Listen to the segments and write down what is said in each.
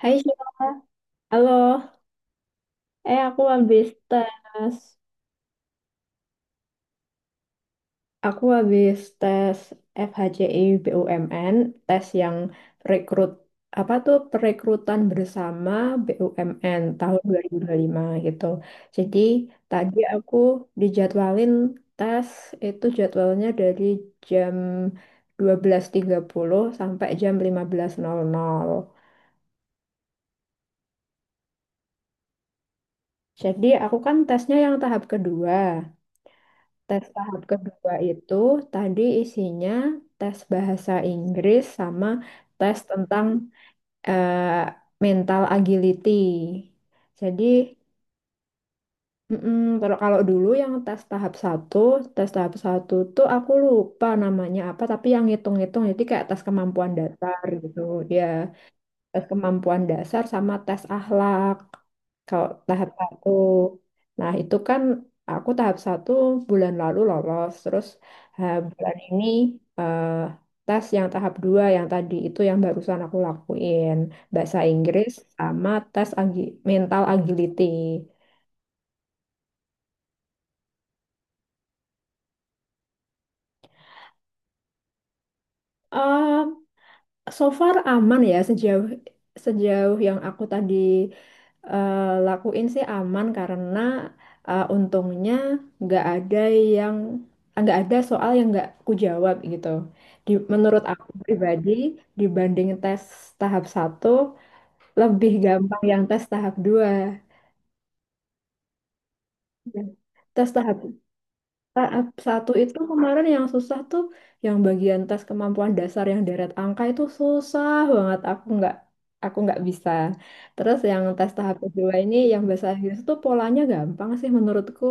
Hai Sheila, halo. Aku habis tes, FHCI BUMN, tes yang rekrut apa tuh perekrutan bersama BUMN tahun dua dua ribu dua puluh lima gitu. Jadi tadi aku dijadwalin tes itu jadwalnya dari jam 12.30 sampai jam 15.00. Jadi aku kan tesnya yang tahap kedua. Tes tahap kedua itu tadi isinya tes bahasa Inggris sama tes tentang eh, mental agility. Jadi, mm-mm, kalau kalau dulu yang tes tahap satu tuh aku lupa namanya apa, tapi yang ngitung-ngitung, jadi kayak tes kemampuan dasar gitu, ya tes kemampuan dasar sama tes akhlak. Kalau tahap satu, nah itu kan aku tahap satu bulan lalu lolos, terus bulan ini eh, tes yang tahap dua yang tadi itu yang barusan aku lakuin bahasa Inggris sama tes mental agility. So far aman ya sejauh sejauh yang aku tadi eh, lakuin sih aman karena untungnya nggak ada yang nggak ada soal yang nggak ku jawab gitu. Menurut aku pribadi dibanding tes tahap satu lebih gampang yang tes tahap 2. Tes tahap Tahap satu itu kemarin yang susah tuh yang bagian tes kemampuan dasar yang deret angka itu susah banget aku nggak bisa. Terus yang tes tahap kedua ini yang bahasa Inggris tuh polanya gampang sih menurutku.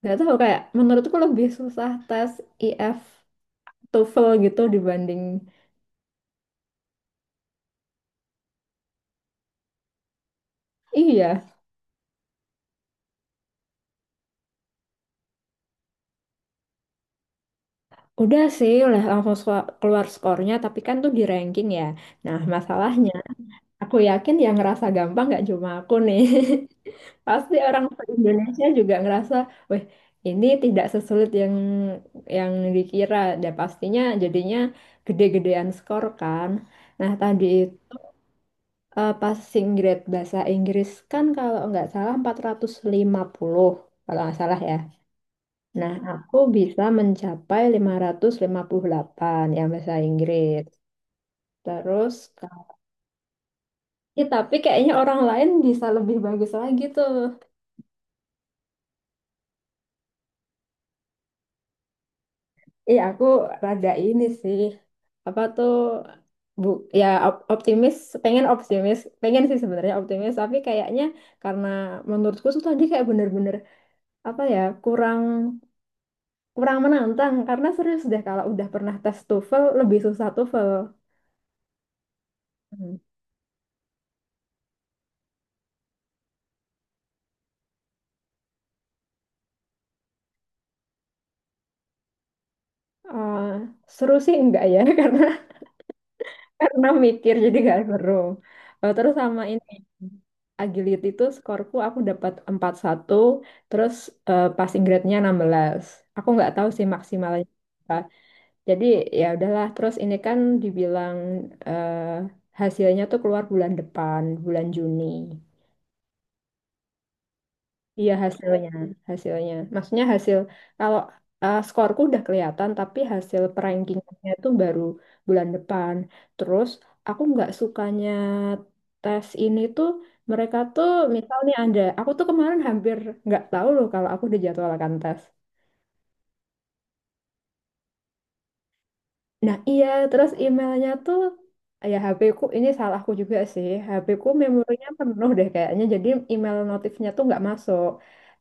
Nggak tahu kayak menurutku lebih susah tes IF TOEFL gitu dibanding. Iya, udah sih udah langsung keluar skornya tapi kan tuh di ranking ya. Nah, masalahnya aku yakin yang ngerasa gampang nggak cuma aku nih. Pasti orang Indonesia juga ngerasa, weh, ini tidak sesulit yang dikira. Dan pastinya jadinya gede-gedean skor kan. Nah, tadi passing grade bahasa Inggris kan kalau nggak salah 450 kalau nggak salah ya. Nah, aku bisa mencapai 558 yang bahasa Inggris. Terus, Kak, tapi kayaknya orang lain bisa lebih bagus lagi tuh. Iya, aku rada ini sih. Apa tuh bu ya op- optimis, optimis, pengen sih sebenarnya optimis, tapi kayaknya karena menurutku tuh tadi kayak bener-bener apa ya kurang kurang menantang karena serius deh kalau udah pernah tes TOEFL lebih susah TOEFL. Hmm. Eh, Seru sih enggak ya karena mikir jadi gak seru. Terus sama ini agility itu skorku aku dapat 41. Terus passing grade-nya 16. Aku nggak tahu sih maksimalnya apa. Jadi ya udahlah terus ini kan dibilang eh, hasilnya tuh keluar bulan depan, bulan Juni. Iya hasilnya, hasilnya. Maksudnya hasil kalau skorku udah kelihatan, tapi hasil perankingnya itu baru bulan depan. Terus aku nggak sukanya tes ini tuh mereka tuh misal nih ada, aku tuh kemarin hampir nggak tahu loh kalau aku dijadwalkan tes. Nah iya, terus emailnya tuh ya HP ku ini salahku juga sih. HP ku memorinya penuh deh kayaknya. Jadi email notifnya tuh nggak masuk.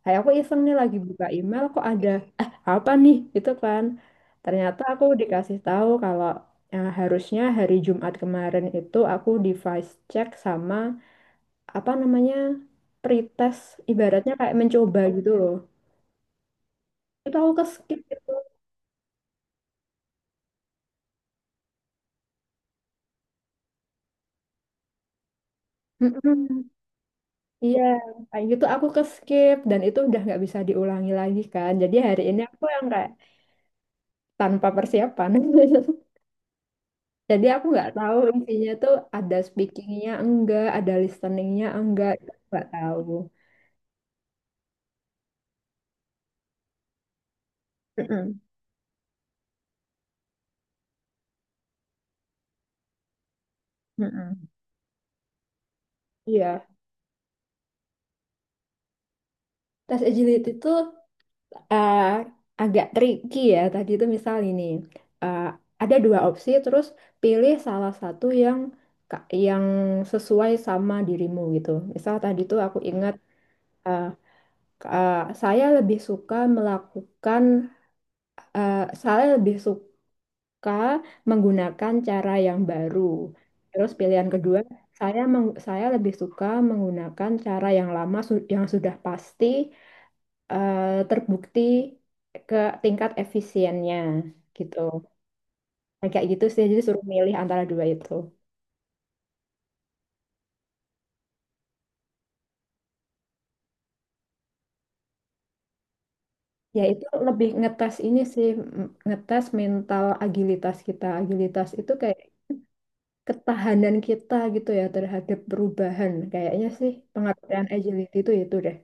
Kayak aku iseng nih lagi buka email kok ada apa nih gitu kan. Ternyata aku dikasih tahu kalau harusnya hari Jumat kemarin itu aku device check sama apa namanya pretest ibaratnya kayak mencoba gitu loh. Itu aku ke skip gitu. Iya, kayak gitu aku ke skip dan itu udah nggak bisa diulangi lagi kan. Jadi hari ini aku yang kayak tanpa persiapan. Jadi aku nggak tahu intinya tuh ada speakingnya enggak, ada listeningnya enggak, itu nggak tahu. Mm-mm, mm-mm. Iya, tes agility itu eh, agak tricky ya. Tadi itu misal ini eh, ada dua opsi, terus pilih salah satu yang yang sesuai sama dirimu gitu. Misal tadi tuh aku ingat eh, Uh, saya lebih suka melakukan, uh, saya lebih suka menggunakan cara yang baru. Terus pilihan kedua, saya lebih suka menggunakan cara yang lama yang sudah pasti uh, terbukti ke tingkat efisiennya gitu. Nah, kayak gitu sih, jadi suruh milih antara dua itu. Ya itu lebih ngetes ini sih, ngetes mental agilitas kita. Agilitas itu kayak ketahanan kita gitu ya terhadap perubahan. Kayaknya sih pengertian agility itu deh.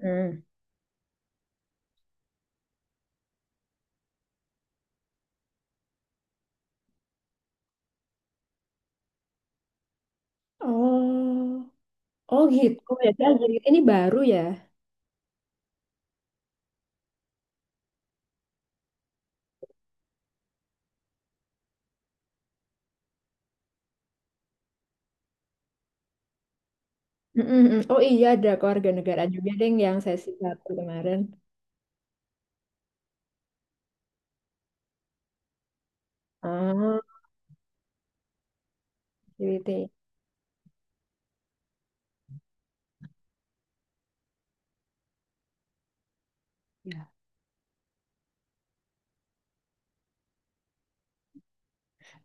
Hmm. Oh, oh gitu. Jadi agility ini baru ya. Mm-mm-mm. Oh iya ada keluarga negara juga deh yang sesi satu kemarin. Oh, agility. Ya.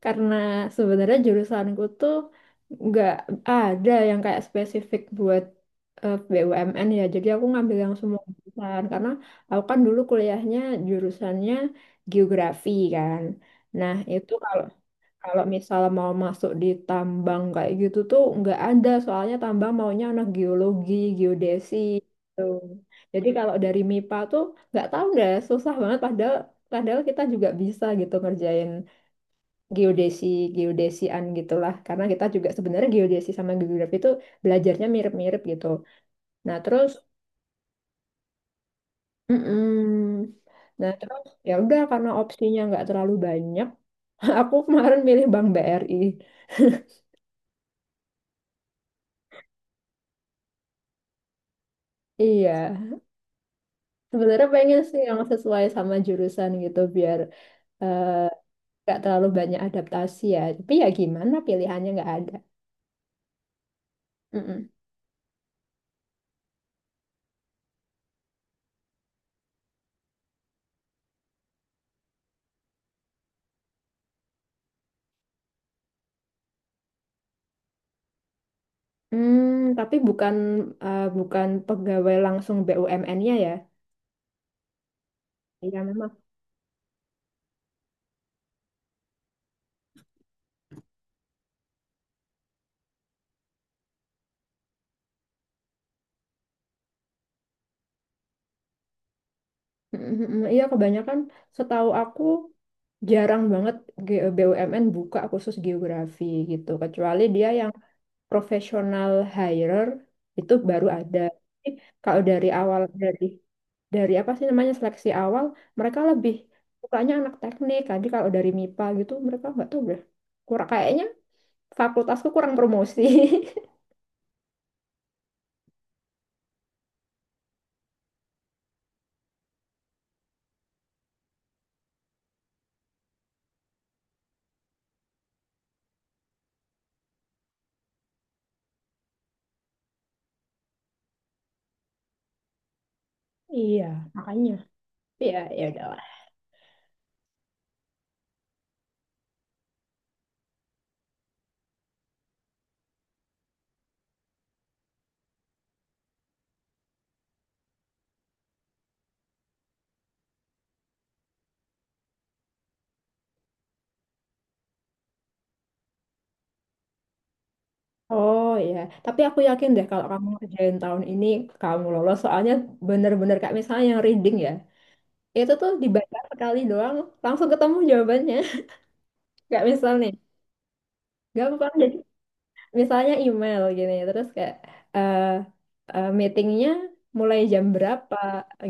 Karena sebenarnya jurusanku tuh nggak ada yang kayak spesifik buat BUMN ya jadi aku ngambil yang semua jurusan karena aku kan dulu kuliahnya jurusannya geografi kan. Nah itu kalau kalau misal mau masuk di tambang kayak gitu tuh nggak ada soalnya tambang maunya anak geologi geodesi gitu. Jadi kalau dari MIPA tuh nggak tahu deh susah banget padahal padahal kita juga bisa gitu ngerjain geodesi geodesian gitulah karena kita juga sebenarnya geodesi sama geografi itu belajarnya mirip-mirip gitu. Nah terus mm-mm. Ya udah karena opsinya nggak terlalu banyak. Aku kemarin milih Bank BRI. Iya sebenarnya pengen sih yang sesuai sama jurusan gitu biar eh, nggak terlalu banyak adaptasi ya tapi ya gimana pilihannya nggak ada. Mm-mm. Hmm, tapi bukan pegawai langsung BUMN-nya ya. Iya, memang. Mm, mm, mm. Iya kebanyakan setahu aku jarang banget BUMN buka khusus geografi gitu kecuali dia yang profesional hirer itu baru ada. Tapi kalau dari awal dari apa sih namanya seleksi awal mereka lebih sukanya anak teknik. Tadi kalau dari MIPA gitu mereka nggak tahu deh. Kayaknya fakultasku kurang promosi. Iya, makanya. Iya, ya udah. Oh iya, tapi aku yakin deh kalau kamu kerjain tahun ini kamu lolos soalnya bener-bener kayak misalnya yang reading ya, itu tuh dibaca sekali doang langsung ketemu jawabannya. Kayak misal nih, gampang jadi misalnya email gini, terus kayak eh meetingnya mulai jam berapa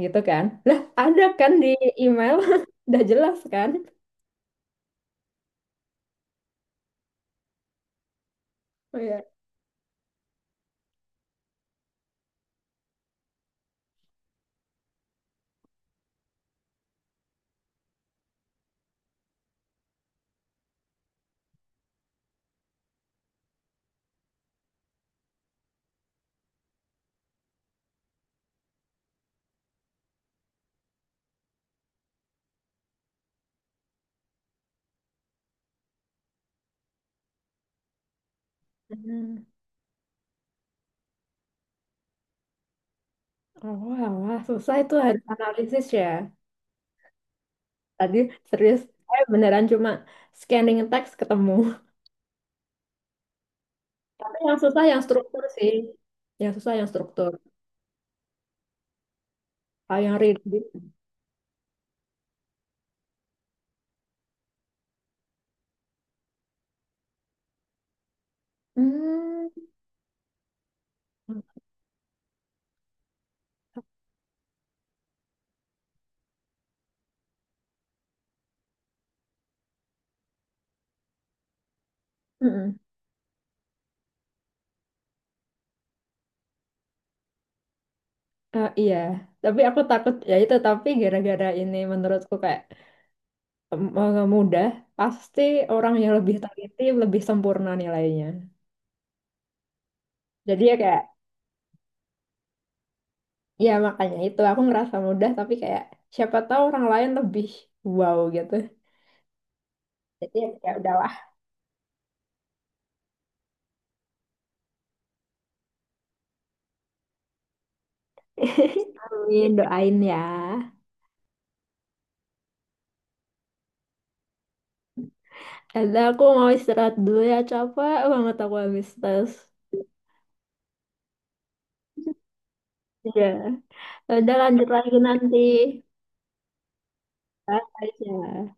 gitu kan. Lah ada kan di email, udah jelas kan. Oh iya. Hmm. Oh, wah, wah, susah itu harus analisis ya. Tadi serius, saya beneran cuma scanning teks ketemu. Tapi yang susah yang struktur sih. Yang susah yang struktur. Kalau yang reading. Hmm. Mm-mm. Iya, tapi aku takut ya itu tapi gara-gara ini menurutku kayak em, mudah, pasti orang yang lebih teliti lebih sempurna nilainya. Jadi ya kayak ya makanya itu aku ngerasa mudah tapi kayak siapa tahu orang lain lebih wow gitu. Jadi ya udahlah. Amin, doain ya. Aku mau istirahat dulu ya, capek banget aku habis tes. Iya. Udah lanjut lagi nanti. Bye aja.